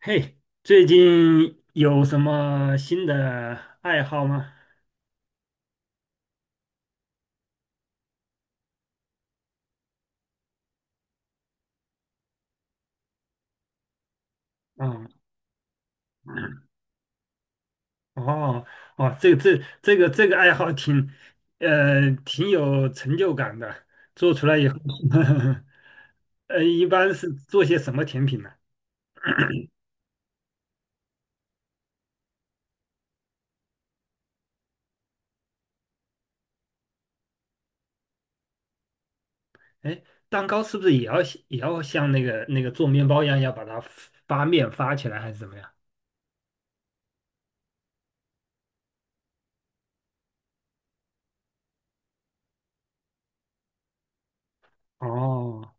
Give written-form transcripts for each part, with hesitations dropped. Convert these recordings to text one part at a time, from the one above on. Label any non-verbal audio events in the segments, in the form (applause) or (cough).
嘿，最近有什么新的爱好吗？啊、哦，哦，这个爱好挺有成就感的。做出来以后，(laughs) 一般是做些什么甜品呢？哎，蛋糕是不是也要像那个做面包一样，要把它发面发起来，还是怎么样？哦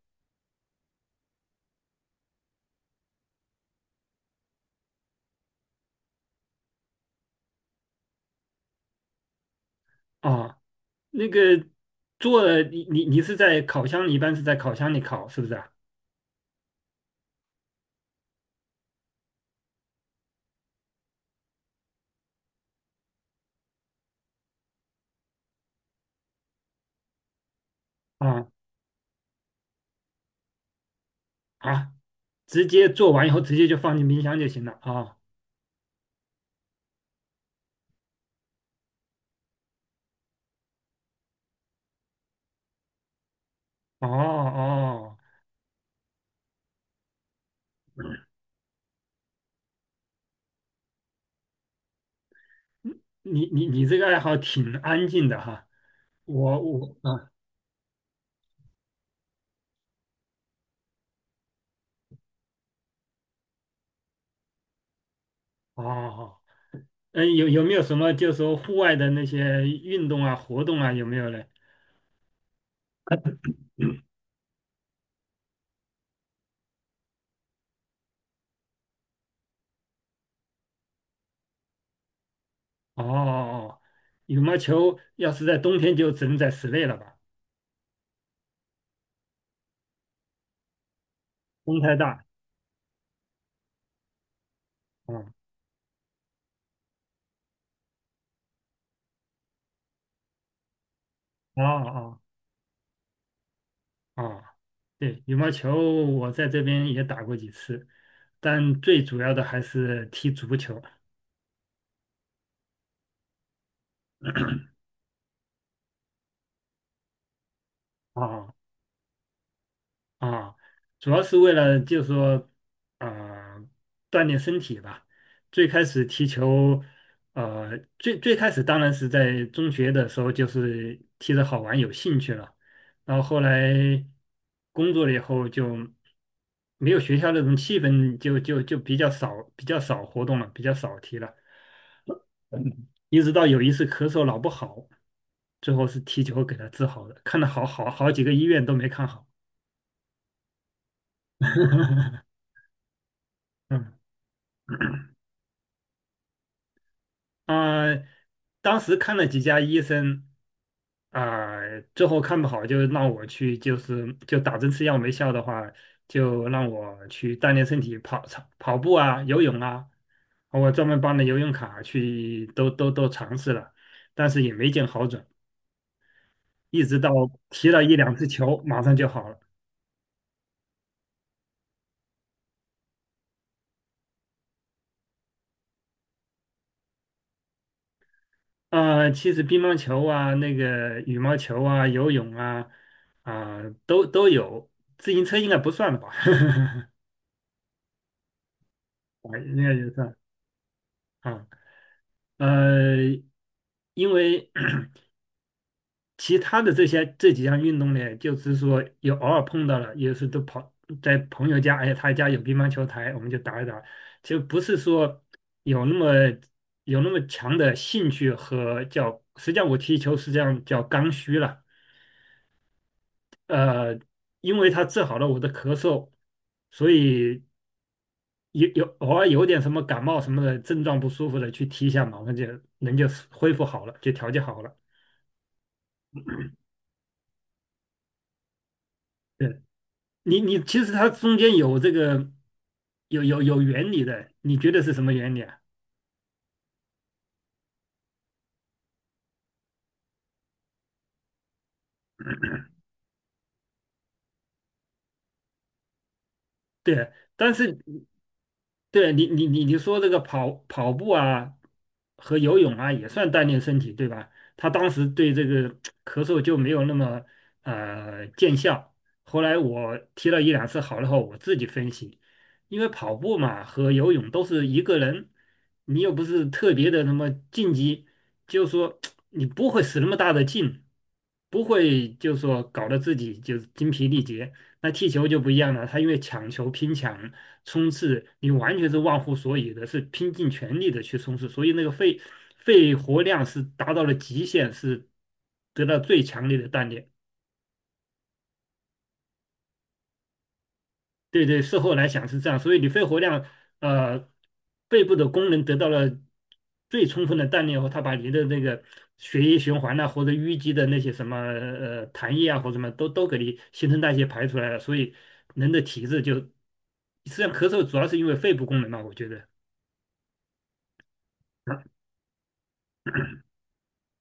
哦，那个做了你是在烤箱里，一般是在烤箱里烤，是不是啊？啊啊，直接做完以后直接就放进冰箱就行了啊。哦哦，嗯你这个爱好挺安静的哈。我我啊哦，嗯，没有什么就是说户外的那些运动啊活动啊有没有嘞？哦哦，羽毛球要是在冬天就只能在室内了吧，风太大。嗯，哦哦哦，对，羽毛球我在这边也打过几次，但最主要的还是踢足球。啊。啊，主要是为了就是说，呃，锻炼身体吧。最开始踢球，最开始当然是在中学的时候，就是踢着好玩，有兴趣了。然后后来工作了以后，就没有学校那种气氛就比较少，比较少活动了，比较少踢了。一直到有一次咳嗽老不好，最后是踢球给他治好的，看了好几个医院都没看好。嗯。啊、当时看了几家医生，啊、最后看不好就让我去，就打针吃药没效的话，就让我去锻炼身体，跑操跑步啊，游泳啊，我专门办了游泳卡去，都尝试了，但是也没见好转，一直到踢了一两次球，马上就好了。啊、其实乒乓球啊，那个羽毛球啊，游泳啊，啊、都有，自行车应该不算吧？(laughs) 啊应该也算。啊，呃，因为 (clears throat) 其他的这几项运动呢，就是说有偶尔碰到了，有时都跑在朋友家，哎，他家有乒乓球台，我们就打一打，就不是说有那么有那么强的兴趣和叫，实际上我踢球实际上叫刚需了。呃，因为他治好了我的咳嗽，所以有有偶尔有点什么感冒什么的症状不舒服的，去踢一下嘛，马上就人就恢复好了，就调节好了。对你其实它中间有这个有原理的，你觉得是什么原理啊？对，但是对你说这个跑步啊和游泳啊也算锻炼身体，对吧？他当时对这个咳嗽就没有那么见效。后来我踢了一两次好了后，我自己分析，因为跑步嘛和游泳都是一个人，你又不是特别的那么竞技，就是说 (tsk) 你不会使那么大的劲，不会就是说搞得自己就是精疲力竭。那踢球就不一样了，他因为抢球、拼抢、冲刺，你完全是忘乎所以的，是拼尽全力的去冲刺，所以那个肺活量是达到了极限，是得到最强烈的锻炼。对对，事后来想是这样，所以你肺活量，呃，肺部的功能得到了最充分的锻炼后，它把你的那个血液循环呐、或者淤积的那些什么痰液啊，或者什么都给你新陈代谢排出来了，所以人的体质就实际上咳嗽主要是因为肺部功能嘛，我觉得啊，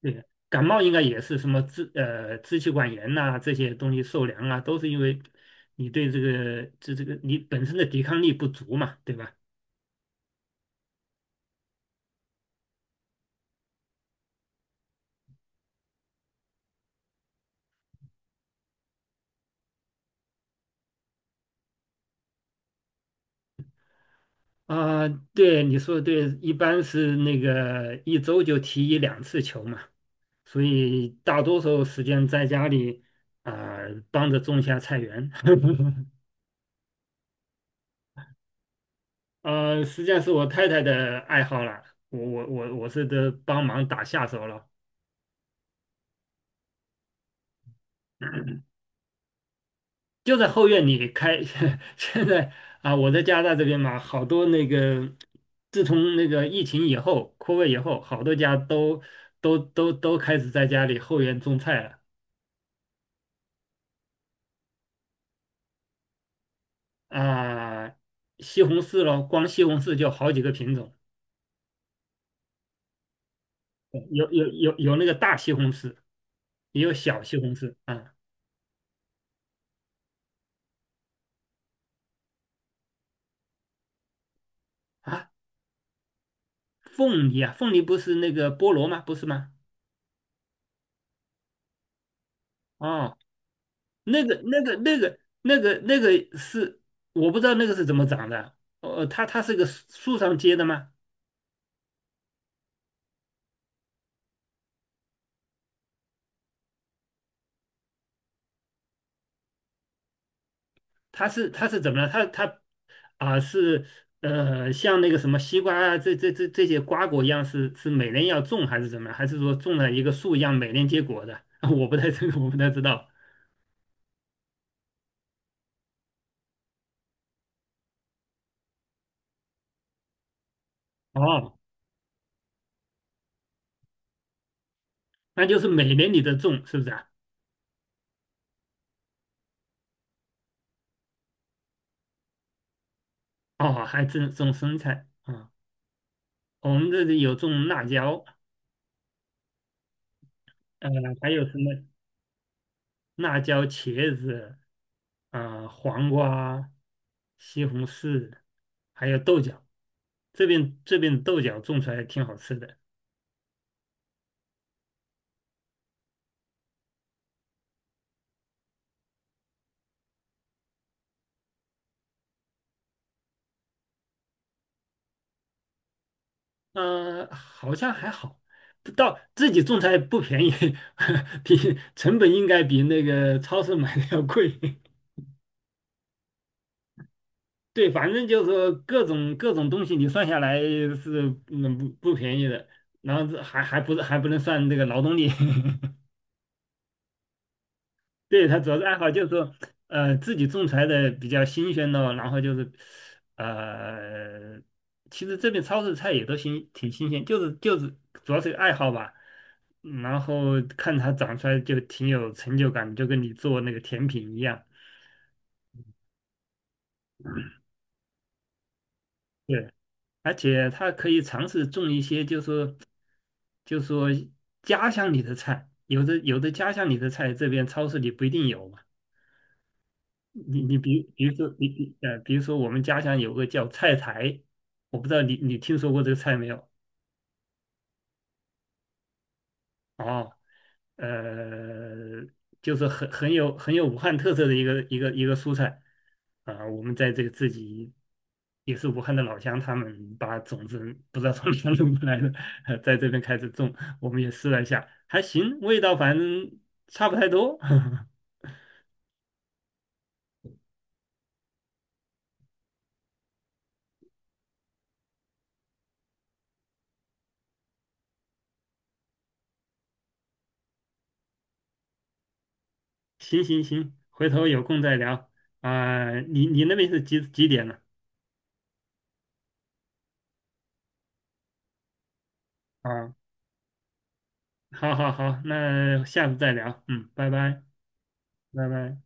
对，感冒应该也是什么支气管炎呐、这些东西受凉啊，都是因为你对这个你本身的抵抗力不足嘛，对吧？啊，对，你说的对，一般是那个一周就踢一两次球嘛，所以大多数时间在家里啊、帮着种下菜园，(laughs) 实际上是我太太的爱好了，我是得帮忙打下手了，就在后院里开，(laughs) 现在啊、我在加拿大这边嘛，好多那个自从那个疫情以后扩位以后，好多家都开始在家里后院种菜了。啊、西红柿咯，光西红柿就好几个品种，有那个大西红柿，也有小西红柿啊啊，凤梨啊，凤梨不是那个菠萝吗？不是吗？哦，那个那个那个那个那个是我不知道那个是怎么长的，它是个树上结的吗？它是怎么了？它它啊、是呃像那个什么西瓜啊，这些瓜果一样是每年要种还是怎么样？还是说种了一个树一样每年结果的？(laughs) 我不太这个 (laughs) 我不太知道。哦，那就是每年你都种是不是啊？哦，还种种生菜啊、我们这里有种辣椒，呃，还有什么辣椒、茄子啊、黄瓜、西红柿，还有豆角。这边的豆角种出来挺好吃的。好像还好，不到自己种菜不便宜，(laughs) 比成本应该比那个超市买的要贵。(laughs) 对，反正就是说各种东西，你算下来是不便宜的，然后这还还不是还不能算这个劳动力。(laughs) 对，他主要是爱好，就是说，自己种出来的比较新鲜咯，然后就是，呃，其实这边超市菜也都新，挺新鲜，就是主要是爱好吧，然后看它长出来就挺有成就感，就跟你做那个甜品一样。对，而且它可以尝试种一些，就是说就是说家乡里的菜，有的家乡里的菜，这边超市里不一定有嘛。你你比比如说你你呃，比如说我们家乡有个叫菜苔，我不知道你听说过这个菜没有？哦，呃，就是很有武汉特色的一个蔬菜啊、我们在这个自己也是武汉的老乡，他们把种子不知道从哪弄过来的，(laughs) 在这边开始种，我们也试了一下，还行，味道反正差不太多。(laughs) 行行行，回头有空再聊啊、你那边是几点呢？啊？好好好，那下次再聊，嗯，拜拜，拜拜。